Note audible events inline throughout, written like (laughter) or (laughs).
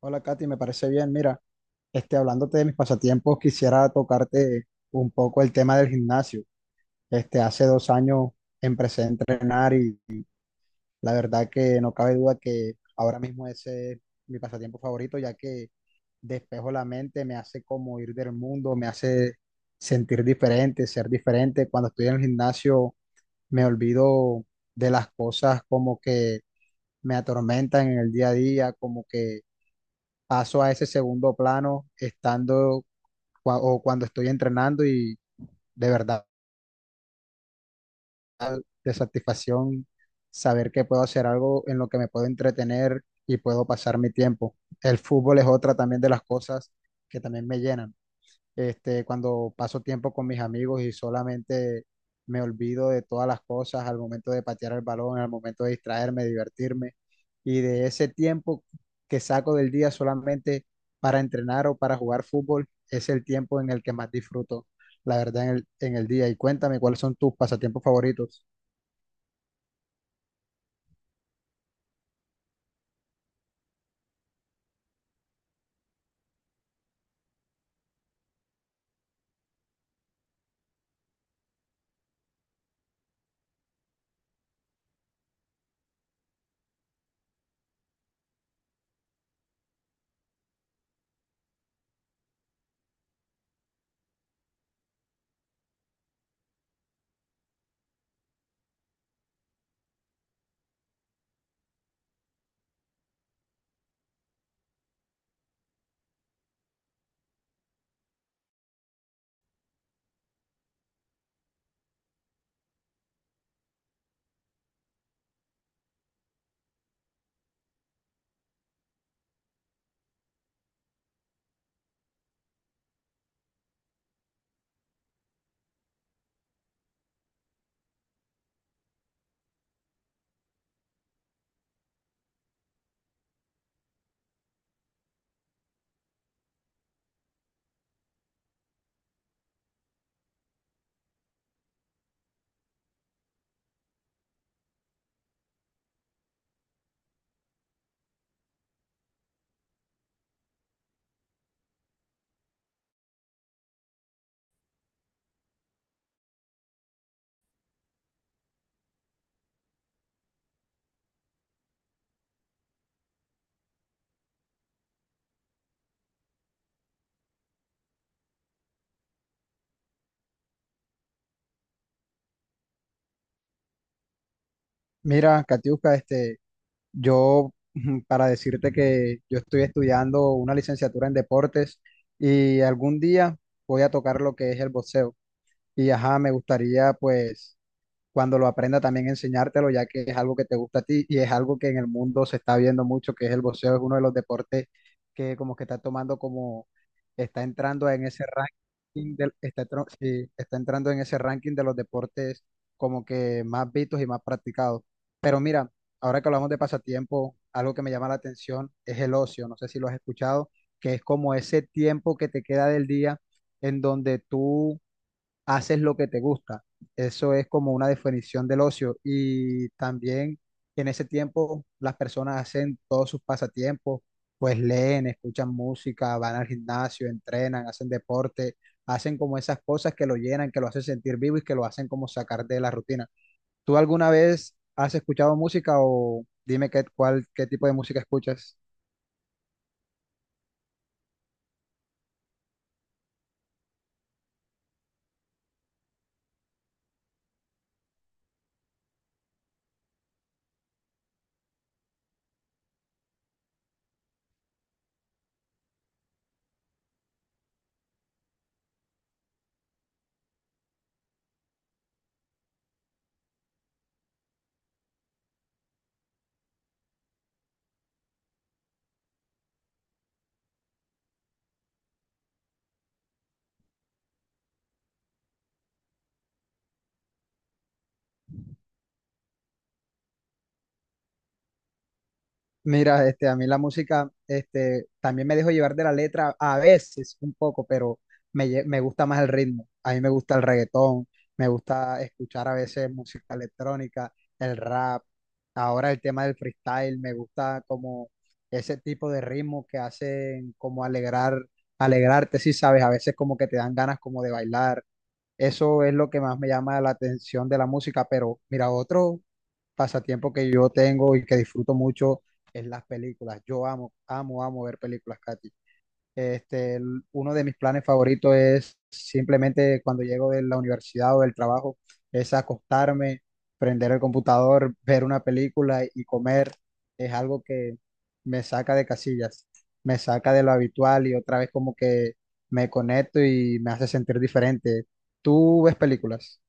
Hola Katy, me parece bien. Mira, hablándote de mis pasatiempos, quisiera tocarte un poco el tema del gimnasio. Este, hace 2 años empecé a entrenar y la verdad que no cabe duda que ahora mismo ese es mi pasatiempo favorito, ya que despejo la mente, me hace como ir del mundo, me hace sentir diferente, ser diferente. Cuando estoy en el gimnasio me olvido de las cosas como que me atormentan en el día a día, como que paso a ese segundo plano estando o cuando estoy entrenando y de verdad de satisfacción saber que puedo hacer algo en lo que me puedo entretener y puedo pasar mi tiempo. El fútbol es otra también de las cosas que también me llenan. Este, cuando paso tiempo con mis amigos y solamente me olvido de todas las cosas al momento de patear el balón, al momento de distraerme, divertirme, y de ese tiempo que saco del día solamente para entrenar o para jugar fútbol, es el tiempo en el que más disfruto, la verdad, en el día. Y cuéntame, ¿cuáles son tus pasatiempos favoritos? Mira, Katiuska, yo, (laughs) para decirte que yo estoy estudiando una licenciatura en deportes y algún día voy a tocar lo que es el boxeo. Y ajá, me gustaría pues cuando lo aprenda también enseñártelo, ya que es algo que te gusta a ti y es algo que en el mundo se está viendo mucho, que es el boxeo, es uno de los deportes que como que está tomando como, está entrando en ese ranking del, está, tro- sí, está entrando en ese ranking de los deportes como que más vistos y más practicados. Pero mira, ahora que hablamos de pasatiempo, algo que me llama la atención es el ocio, no sé si lo has escuchado, que es como ese tiempo que te queda del día en donde tú haces lo que te gusta. Eso es como una definición del ocio. Y también en ese tiempo las personas hacen todos sus pasatiempos, pues leen, escuchan música, van al gimnasio, entrenan, hacen deporte, hacen como esas cosas que lo llenan, que lo hacen sentir vivo y que lo hacen como sacar de la rutina. ¿Tú alguna vez has escuchado música o dime qué tipo de música escuchas? Mira, a mí la música, también me dejo llevar de la letra a veces un poco, pero me gusta más el ritmo. A mí me gusta el reggaetón, me gusta escuchar a veces música electrónica, el rap. Ahora el tema del freestyle, me gusta como ese tipo de ritmo que hacen como alegrar, alegrarte, si sabes, a veces como que te dan ganas como de bailar. Eso es lo que más me llama la atención de la música, pero mira, otro pasatiempo que yo tengo y que disfruto mucho es las películas. Yo amo, amo, amo ver películas, Katy. Uno de mis planes favoritos es simplemente cuando llego de la universidad o del trabajo, es acostarme, prender el computador, ver una película y comer. Es algo que me saca de casillas, me saca de lo habitual y otra vez como que me conecto y me hace sentir diferente. ¿Tú ves películas?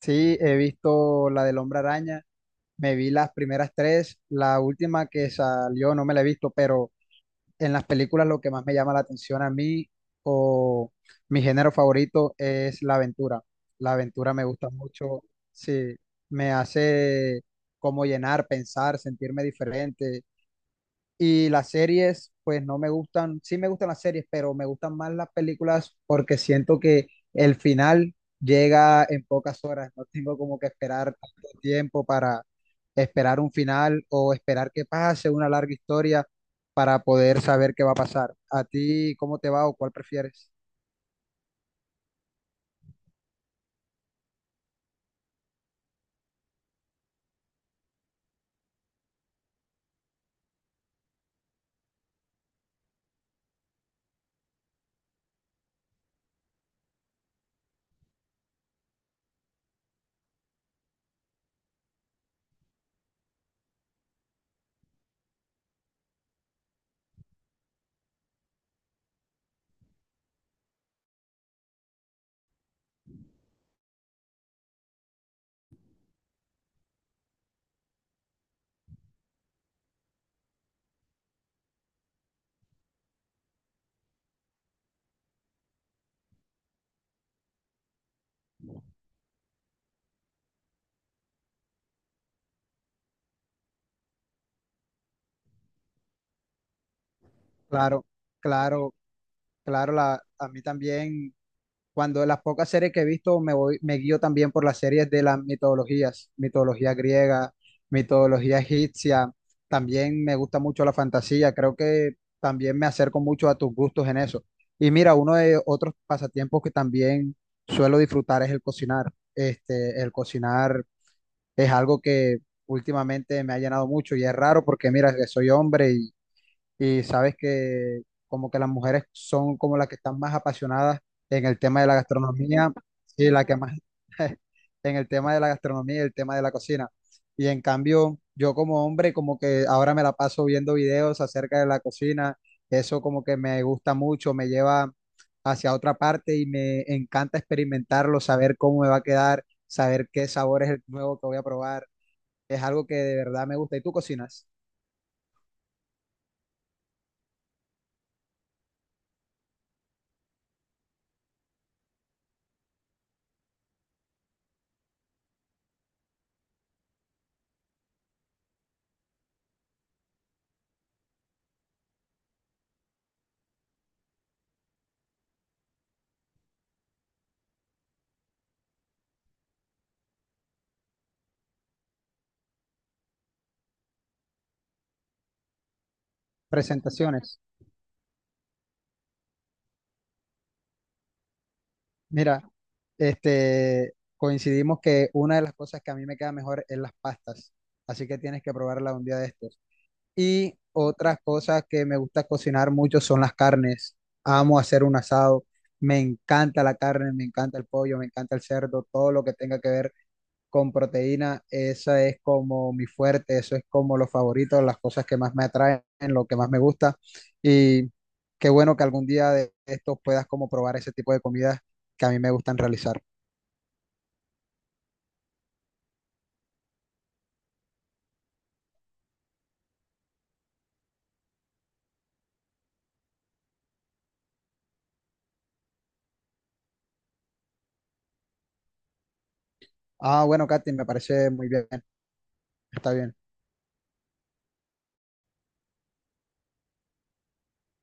Sí, he visto la del Hombre Araña, me vi las primeras tres, la última que salió no me la he visto, pero en las películas lo que más me llama la atención a mí o mi género favorito es la aventura. La aventura me gusta mucho, sí, me hace como llenar, pensar, sentirme diferente. Y las series, pues no me gustan, sí me gustan las series, pero me gustan más las películas porque siento que el final llega en pocas horas, no tengo como que esperar tanto tiempo para esperar un final o esperar que pase una larga historia para poder saber qué va a pasar. ¿A ti cómo te va o cuál prefieres? Claro, claro, claro, la, a mí también. Cuando de las pocas series que he visto me voy, me guío también por las series de las mitologías, mitología griega, mitología egipcia. También me gusta mucho la fantasía. Creo que también me acerco mucho a tus gustos en eso. Y mira, uno de otros pasatiempos que también suelo disfrutar es el cocinar. Este, el cocinar es algo que últimamente me ha llenado mucho y es raro porque mira, que soy hombre y sabes que como que las mujeres son como las que están más apasionadas en el tema de la gastronomía, sí, la que más (laughs) en el tema de la gastronomía y el tema de la cocina. Y en cambio, yo como hombre como que ahora me la paso viendo videos acerca de la cocina, eso como que me gusta mucho, me lleva hacia otra parte y me encanta experimentarlo, saber cómo me va a quedar, saber qué sabor es el nuevo que voy a probar. Es algo que de verdad me gusta. ¿Y tú cocinas? Presentaciones. Mira, coincidimos que una de las cosas que a mí me queda mejor es las pastas, así que tienes que probarla un día de estos. Y otras cosas que me gusta cocinar mucho son las carnes. Amo hacer un asado, me encanta la carne, me encanta el pollo, me encanta el cerdo, todo lo que tenga que ver con proteína, esa es como mi fuerte, eso es como lo favorito, las cosas que más me atraen, lo que más me gusta. Y qué bueno que algún día de estos puedas como probar ese tipo de comidas que a mí me gustan realizar. Ah, bueno, Katy, me parece muy bien, está bien.